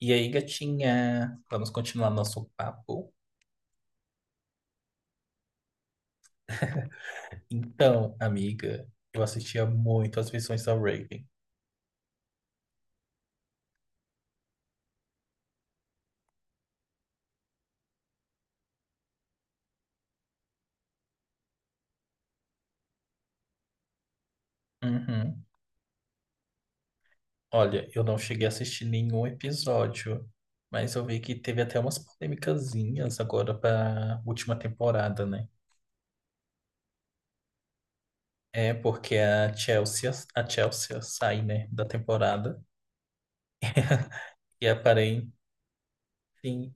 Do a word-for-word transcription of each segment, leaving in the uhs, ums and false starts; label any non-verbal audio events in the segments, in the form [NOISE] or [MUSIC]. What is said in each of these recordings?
E aí, gatinha, vamos continuar nosso papo? Então, amiga, eu assistia muito as versões da Raven. Uhum. Olha, eu não cheguei a assistir nenhum episódio, mas eu vi que teve até umas polêmicazinhas agora para última temporada, né? É porque a Chelsea, a Chelsea sai, né, da temporada e aparente,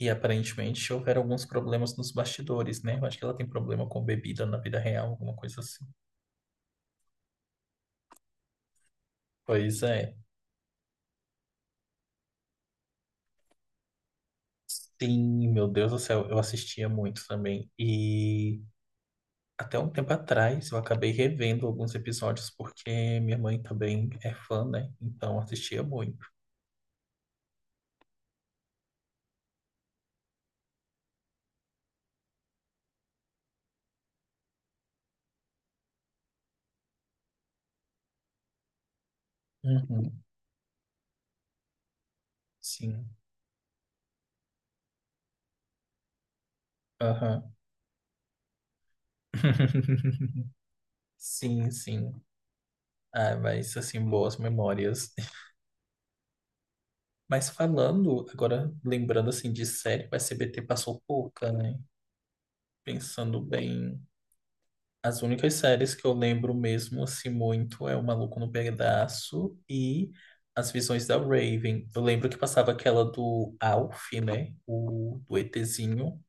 e aparentemente houveram alguns problemas nos bastidores, né? Eu acho que ela tem problema com bebida na vida real, alguma coisa assim. Pois é. Sim, meu Deus do céu, eu assistia muito também. E até um tempo atrás eu acabei revendo alguns episódios porque minha mãe também é fã, né? Então assistia muito. Uhum, sim. Aham. [LAUGHS] Sim, sim. Ah, mas assim, boas memórias. [LAUGHS] Mas falando, agora lembrando assim de série, o S B T passou pouca, né? Pensando bem, as únicas séries que eu lembro mesmo assim muito é O Maluco no Pedaço e As Visões da Raven. Eu lembro que passava aquela do Alf, né? O do ETzinho,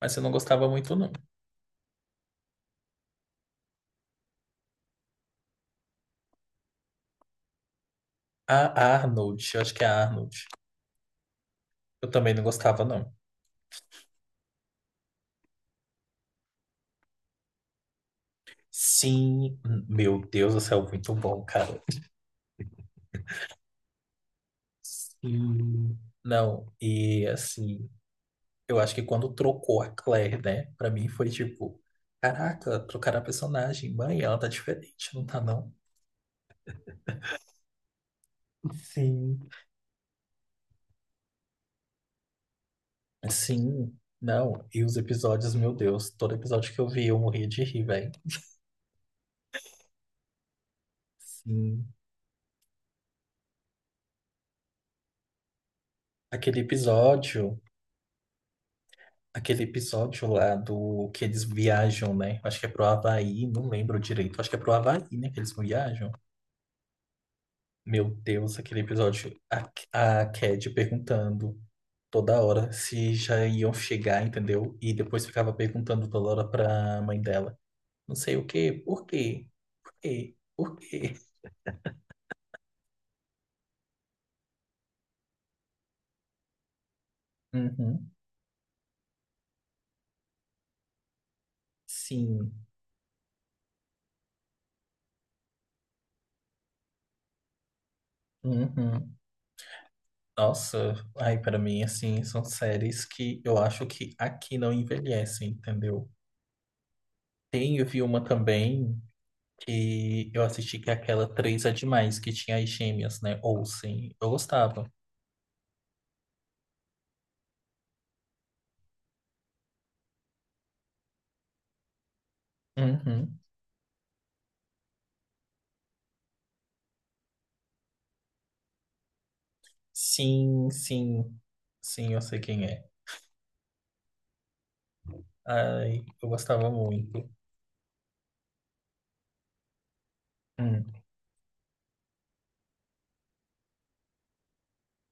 mas eu não gostava muito não. A Arnold, eu acho que é a Arnold. Eu também não gostava não. Sim, meu Deus do céu, muito bom, cara. Sim. Não, e assim, eu acho que quando trocou a Claire, né? Pra mim foi tipo, caraca, trocaram a personagem, mãe, ela tá diferente, não tá não? Sim. Sim, não, e os episódios, meu Deus, todo episódio que eu vi eu morria de rir, velho. Sim. Aquele episódio, aquele episódio lá do que eles viajam, né? Acho que é pro Havaí, não lembro direito, acho que é pro Havaí, né, que eles viajam. Meu Deus, aquele episódio, a, a Cad perguntando toda hora se já iam chegar, entendeu? E depois ficava perguntando toda hora pra mãe dela. Não sei o quê, por quê, por quê, por quê? Uhum, sim, uhum. Nossa, ai, pra mim, assim, são séries que eu acho que aqui não envelhecem, entendeu? Tem, eu vi uma também que eu assisti que é aquela Três é Demais, que tinha as gêmeas, né? Olsen, eu gostava. Uhum. Sim, sim, sim, eu sei quem é. Ai, eu gostava muito. Hum,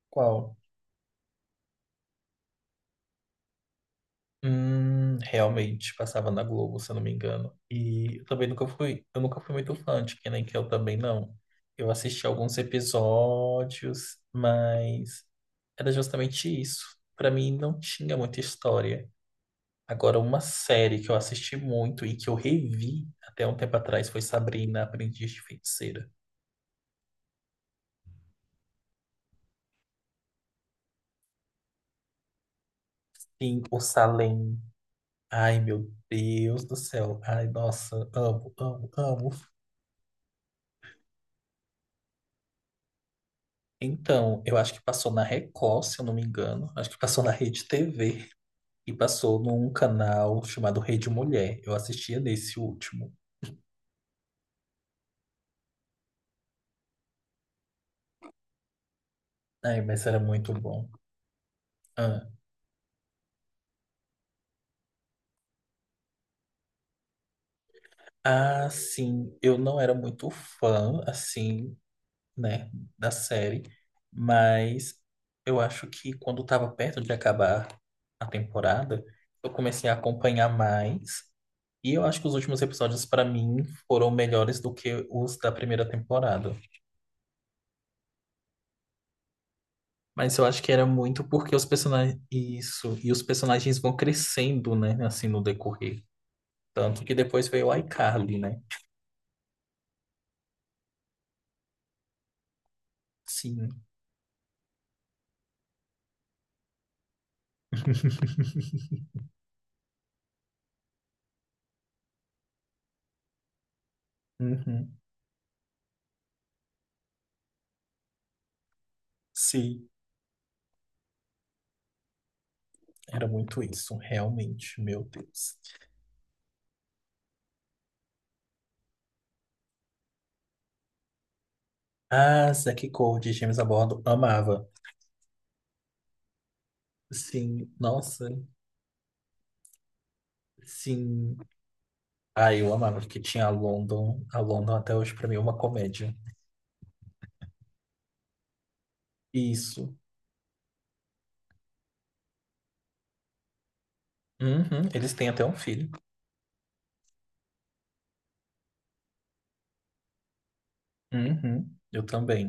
qual? Hum, realmente, passava na Globo, se eu não me engano. E eu também nunca fui, eu nunca fui muito fã de Kenan Kel também, não. Eu assisti alguns episódios, mas era justamente isso. Pra mim não tinha muita história. Agora, uma série que eu assisti muito e que eu revi até um tempo atrás foi Sabrina, Aprendiz de Feiticeira. Sim, o Salem. Ai, meu Deus do céu. Ai, nossa, amo, amo, amo. Então, eu acho que passou na Record, se eu não me engano. Acho que passou na Rede T V e passou num canal chamado Rede Mulher. Eu assistia nesse último. Ai, mas era muito bom. Ah, Ah, sim, eu não era muito fã, assim, né, da série, mas eu acho que quando estava perto de acabar a temporada, eu comecei a acompanhar mais. E eu acho que os últimos episódios, pra mim, foram melhores do que os da primeira temporada. Mas eu acho que era muito porque os personagens. Isso. E os personagens vão crescendo, né? Assim, no decorrer. Tanto que depois veio o iCarly, né? Sim. [LAUGHS] Uhum. Sim. Era muito isso, realmente, meu Deus. Ah, Zack Cody, James a bordo, amava. Sim, nossa, sim. Ah, eu amava, porque tinha a London. A London até hoje, pra mim, é uma comédia. Isso. Uhum, eles têm até um filho. Uhum, eu também.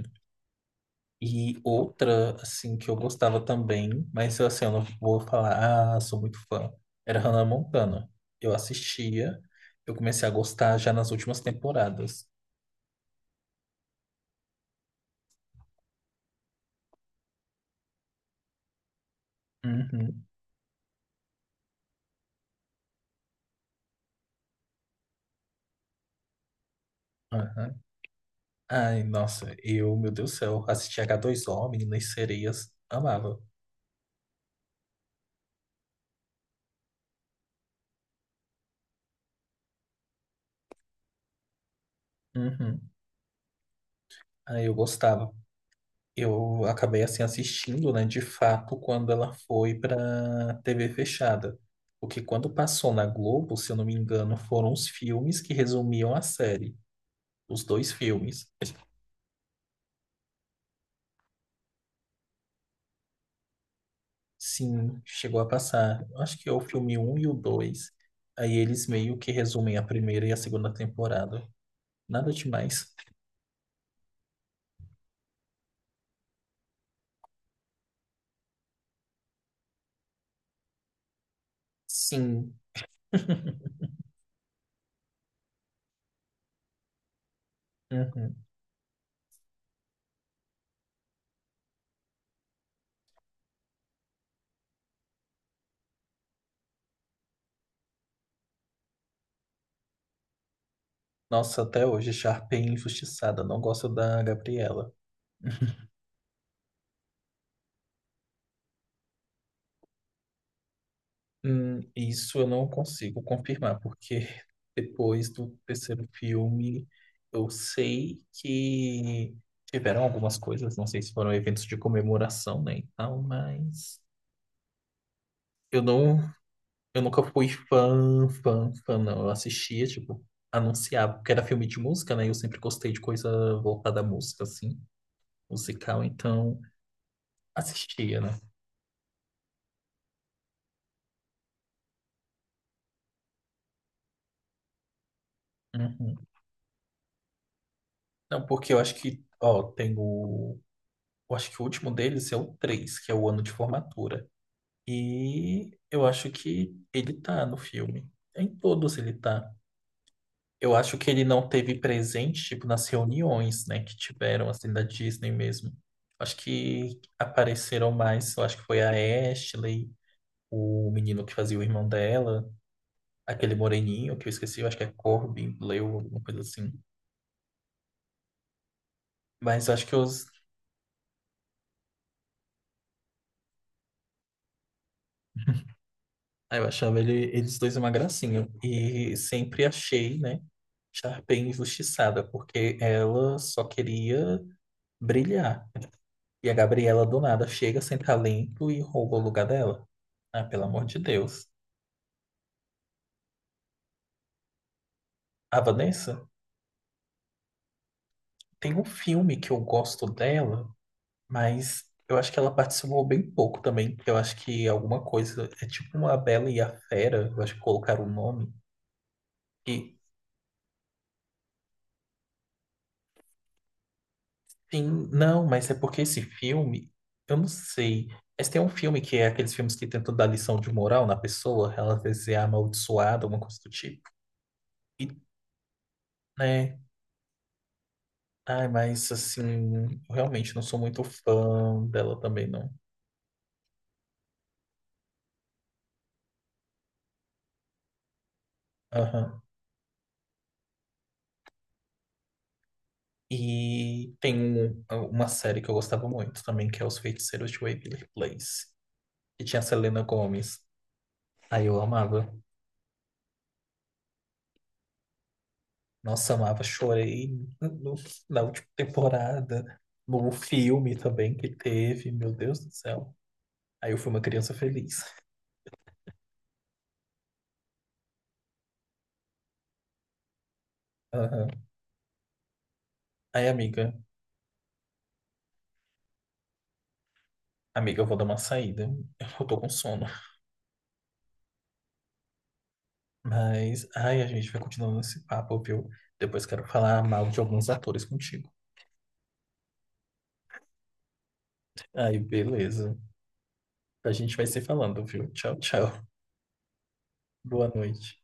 E outra, assim, que eu gostava também, mas assim, eu não vou falar, ah, sou muito fã, era Hannah Montana. Eu assistia, eu comecei a gostar já nas últimas temporadas. Uhum, aham. Ai, nossa, eu, meu Deus do céu, assistia h dois o Meninas Sereias, amava. Uhum. Aí eu gostava, eu acabei assim assistindo, né, de fato, quando ela foi para T V fechada. Porque quando passou na Globo, se eu não me engano, foram os filmes que resumiam a série, os dois filmes. Sim, chegou a passar. Eu acho que é o filme um e o dois. Aí eles meio que resumem a primeira e a segunda temporada. Nada demais. Sim. [LAUGHS] Uhum. Nossa, até hoje, Sharpay é injustiçada. Não gosto da Gabriela. Hum, isso eu não consigo confirmar, porque [LAUGHS] depois do terceiro filme eu sei que tiveram algumas coisas, não sei se foram eventos de comemoração, né, e tal, mas eu não, eu nunca fui fã, fã, fã, não. Eu assistia, tipo, anunciava, porque era filme de música, né, e eu sempre gostei de coisa voltada à música, assim, musical, então assistia, né. Uhum. Não, porque eu acho que, ó, tem o eu acho que o último deles é o três que é o ano de formatura. E eu acho que ele tá no filme. Em todos ele tá. Eu acho que ele não teve presente, tipo, nas reuniões, né, que tiveram, assim, da Disney mesmo. Acho que apareceram mais, eu acho que foi a Ashley, o menino que fazia o irmão dela, aquele moreninho que eu esqueci, eu acho que é Corbin Bleu, alguma coisa assim. Mas eu acho que os Ah, eu achava ele- eles dois uma gracinha. E sempre achei, né, Sharpay injustiçada, porque ela só queria brilhar. E a Gabriela, do nada, chega sem talento e rouba o lugar dela. Ah, pelo amor de Deus. A Vanessa tem um filme que eu gosto dela, mas eu acho que ela participou bem pouco também. Eu acho que alguma coisa. É tipo uma Bela e a Fera, eu acho que colocaram o nome. E sim, não, mas é porque esse filme, eu não sei. Mas tem um filme que é aqueles filmes que tentam dar lição de moral na pessoa, ela vai ser é amaldiçoada, alguma coisa do tipo. E, né? Ai, mas assim, eu realmente não sou muito fã dela também, não. Aham. E tem um- uma série que eu gostava muito também, que é Os Feiticeiros de Waverly Place, que tinha a Selena Gomez. Aí eu amava. Nossa, amava, chorei no- na última temporada, no filme também que teve, meu Deus do céu. Aí eu fui uma criança feliz. Aham. Aí, amiga, amiga, eu vou dar uma saída. Eu tô com sono. Mas, ai, a gente vai continuando esse papo, viu? Depois quero falar mal de alguns atores contigo. Aí, beleza. A gente vai se falando, viu? Tchau, tchau. Boa noite.